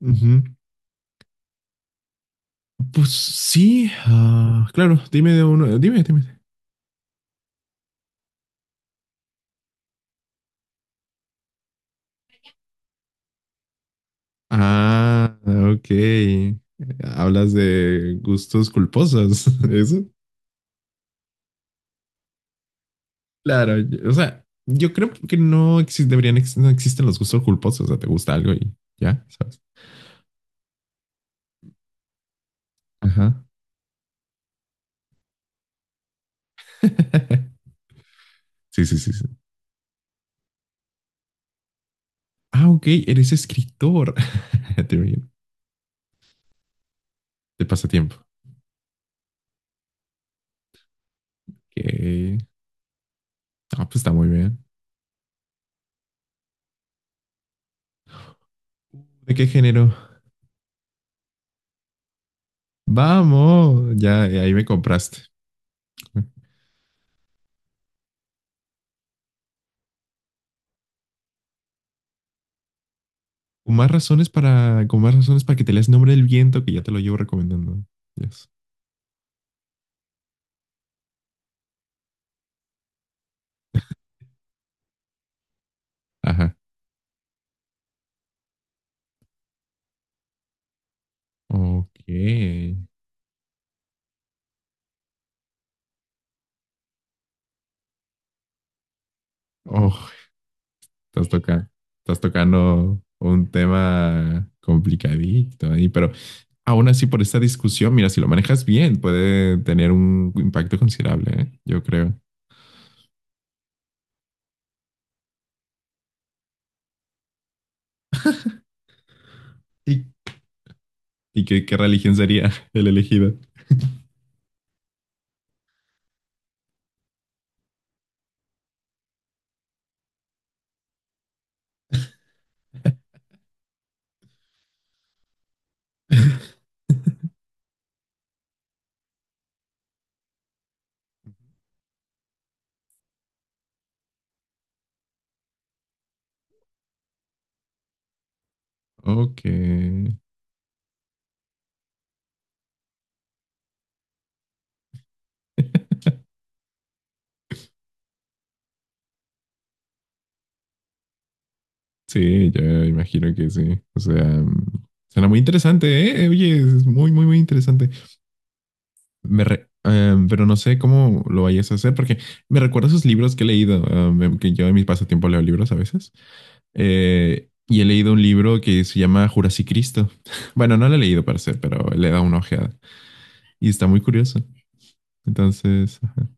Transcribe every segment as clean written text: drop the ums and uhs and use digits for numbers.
Ujú. Pues sí, claro, dime de uno, dime. Ah, ok. Hablas de gustos culposos, ¿eso? Claro, o sea, yo creo que deberían, no existen los gustos culposos, o sea, te gusta algo y ya, ¿sabes? Ajá. Sí, sí, sí, sí. Ah, ok, eres escritor. Te veo. De pasatiempo. Ok. Ah, pues está muy bien. ¿De qué género? Vamos, ya, ahí me compraste. Con más razones para que te leas Nombre del Viento, que ya te lo llevo recomendando. Yes. Ajá. Ok. Oh, estás tocando, estás tocando un tema complicadito ahí, pero aún así por esta discusión, mira, si lo manejas bien, puede tener un impacto considerable, ¿eh? Yo creo. ¿Y, qué religión sería el elegido? Ok. Sí, yo imagino que sí. O sea, suena muy interesante, ¿eh? Oye, es muy, muy, muy interesante. Pero no sé cómo lo vayas a hacer porque me recuerda a esos libros que he leído, que yo en mis pasatiempos leo libros a veces. Y he leído un libro que se llama Jurassic Cristo. Bueno, no lo he leído para ser, pero le he dado una ojeada y está muy curioso. Entonces, ajá,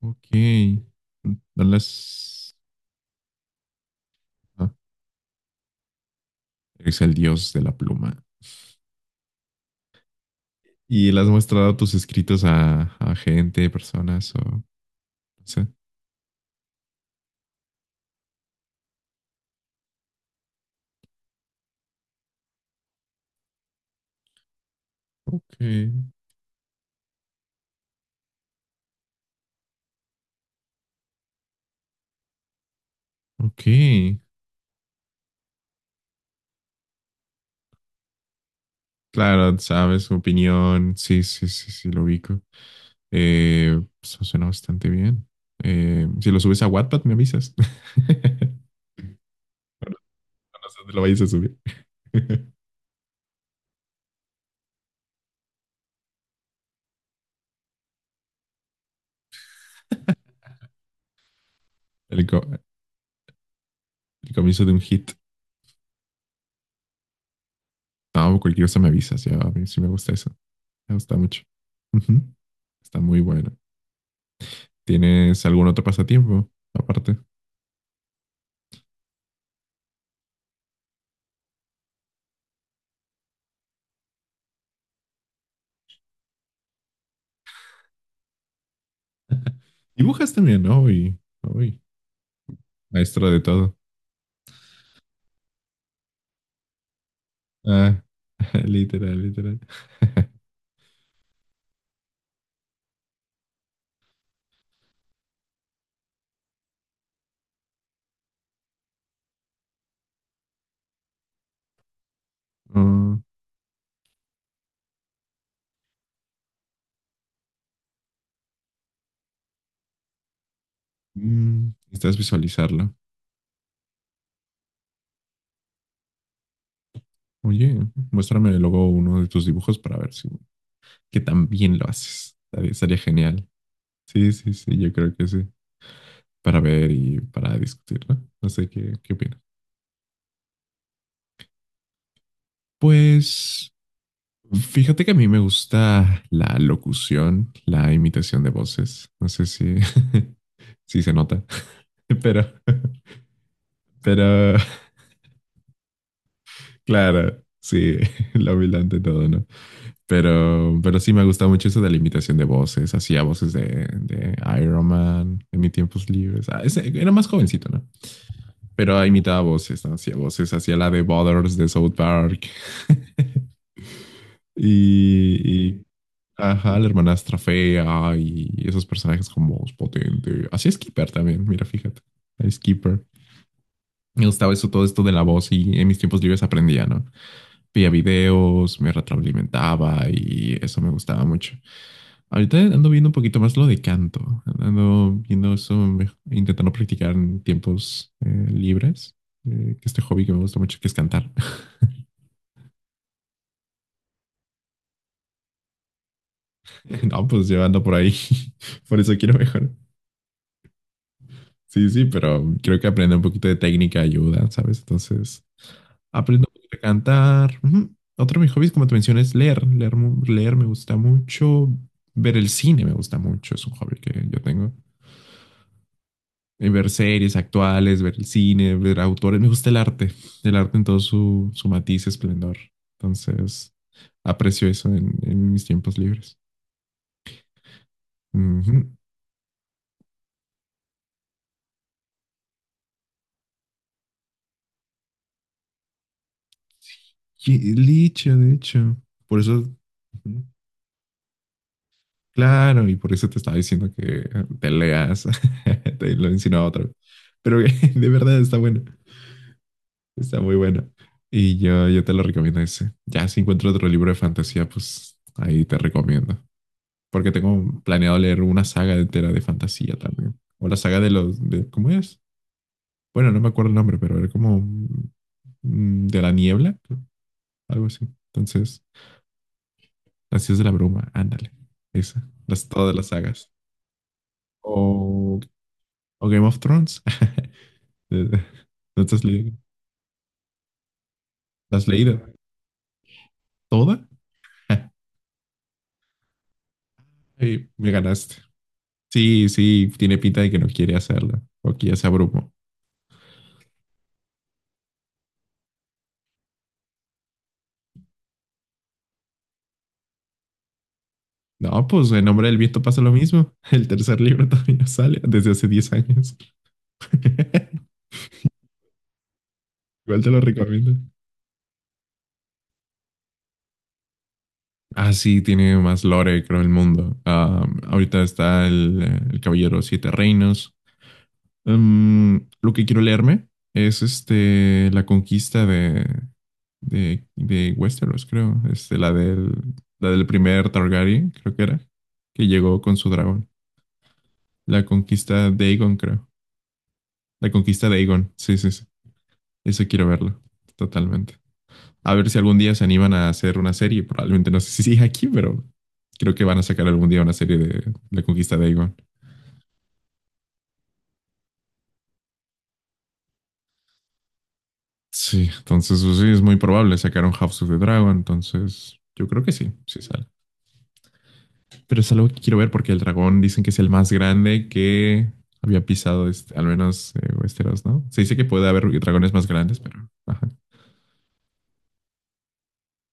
ok. No las... ah, es el dios de la pluma. ¿Y le has mostrado tus escritos a gente, personas o... no sé? Ok, ok. Claro, sabes, su opinión. Sí, sí, sí, sí, lo ubico. Pues, suena bastante bien. Si lo subes a Wattpad, me avisas. No sé dónde lo vayas a subir. El, co- el comienzo de un hit. No, cualquier cosa me avisas. Ya, a mí sí me gusta eso. Me gusta mucho. Ujú. Está muy bueno. ¿Tienes algún otro pasatiempo aparte? Dibujas también, ¿no? Uy, uy, maestro de todo. Ah, literal, literal. Oh, mm, necesitas visualizarlo. Oye, muéstrame luego uno de tus dibujos para ver si qué tan bien lo haces. Estaría genial. Sí, sí, sí, yo creo que sí. Para ver y para discutir, ¿no? No sé qué opinas. Pues fíjate que a mí me gusta la locución, la imitación de voces. No sé si, si se nota, pero, pero claro, sí, la humildad de todo, ¿no? Pero sí me gusta mucho eso de la imitación de voces. Hacía voces de Iron Man en mis tiempos libres. Ah, era más jovencito, ¿no? Pero imitaba voces, ¿no? Hacía voces, hacía la de Butters de South Park. Y, y, ajá, la hermanastra fea y esos personajes con voz potente. Hacía Skipper también, mira, fíjate. A Skipper. Me gustaba eso, todo esto de la voz y en mis tiempos libres aprendía, ¿no? Veía videos, me retroalimentaba y eso me gustaba mucho. Ahorita ando viendo un poquito más lo de canto. Ando viendo eso, intentando practicar en tiempos libres. Que este hobby que me gusta mucho, que es cantar. No, pues yo ando por ahí. Por eso quiero mejorar. Sí, sí, pero creo que aprender un poquito de técnica ayuda, ¿sabes? Entonces, aprendo un poquito a cantar. Ujú. Otro de mis hobbies, como te mencioné, es leer. Leer, leer me gusta mucho. Ver el cine me gusta mucho. Es un hobby que yo tengo. Ver series actuales, ver el cine, ver autores. Me gusta el arte en todo su, su matiz, esplendor. Entonces, aprecio eso en mis tiempos libres. Ujú. Sí, Licha, de hecho. Por eso, ujú. Claro, y por eso te estaba diciendo que te leas. Te lo insinuaba otra vez. Pero de verdad está bueno. Está muy bueno. Y yo te lo recomiendo ese. Ya si encuentro otro libro de fantasía, pues ahí te recomiendo. Porque tengo planeado leer una saga entera de fantasía también. O la saga de los... De, ¿cómo es? Bueno, no me acuerdo el nombre, pero era como... De la niebla, creo, algo así. Entonces, las Ciudades de la bruma, ándale. Esa, las, todas las sagas. O, o Game of Thrones. ¿No te has leído? ¿La has leído? ¿Toda? Ay, me ganaste. Sí, sí, tiene pinta de que no quiere hacerlo. O que ya se abrumó. No, pues en Nombre del Viento pasa lo mismo. El tercer libro también no sale desde hace 10 años. Igual te lo recomiendo. Ah, sí, tiene más lore, creo, el mundo. Ah, ahorita está el Caballero Siete Reinos. Mm, lo que quiero leerme es este, la conquista de, de Westeros, creo. Este, la del primer Targaryen, creo que era, que llegó con su dragón. La conquista de Aegon, creo. La conquista de Aegon, sí, sí, sí. Eso quiero verlo, totalmente. A ver si algún día se animan a hacer una serie. Probablemente no sé si sigue aquí, pero creo que van a sacar algún día una serie de la conquista de Aegon. Sí, entonces pues, sí, es muy probable. Sacaron House of the Dragon, entonces yo creo que sí, sí sale. Pero es algo que quiero ver porque el dragón dicen que es el más grande que había pisado, al menos Westeros, ¿no? Se dice que puede haber dragones más grandes, pero... Ajá.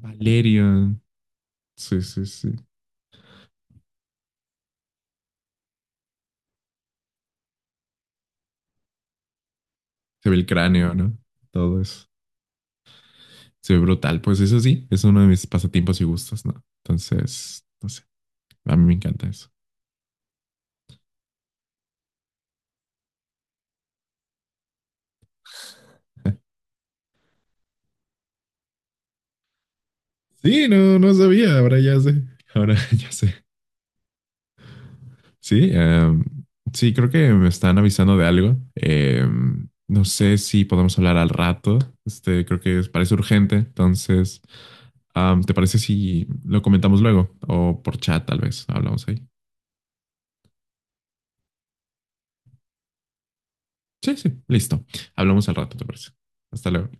Valerion. Sí, sí, sí. Se ve el cráneo, ¿no? Todo eso. Se ve brutal. Pues eso sí, es uno de mis pasatiempos y gustos, ¿no? Entonces, no sé, a mí me encanta eso. Sí, no, no sabía, ahora ya sé. Ahora ya sé. Sí, sí, creo que me están avisando de algo. No sé si podemos hablar al rato. Este, creo que parece urgente. Entonces, ¿te parece si lo comentamos luego? O por chat, tal vez. Hablamos ahí. Sí, sí, listo. Hablamos al rato, ¿te parece? Hasta luego.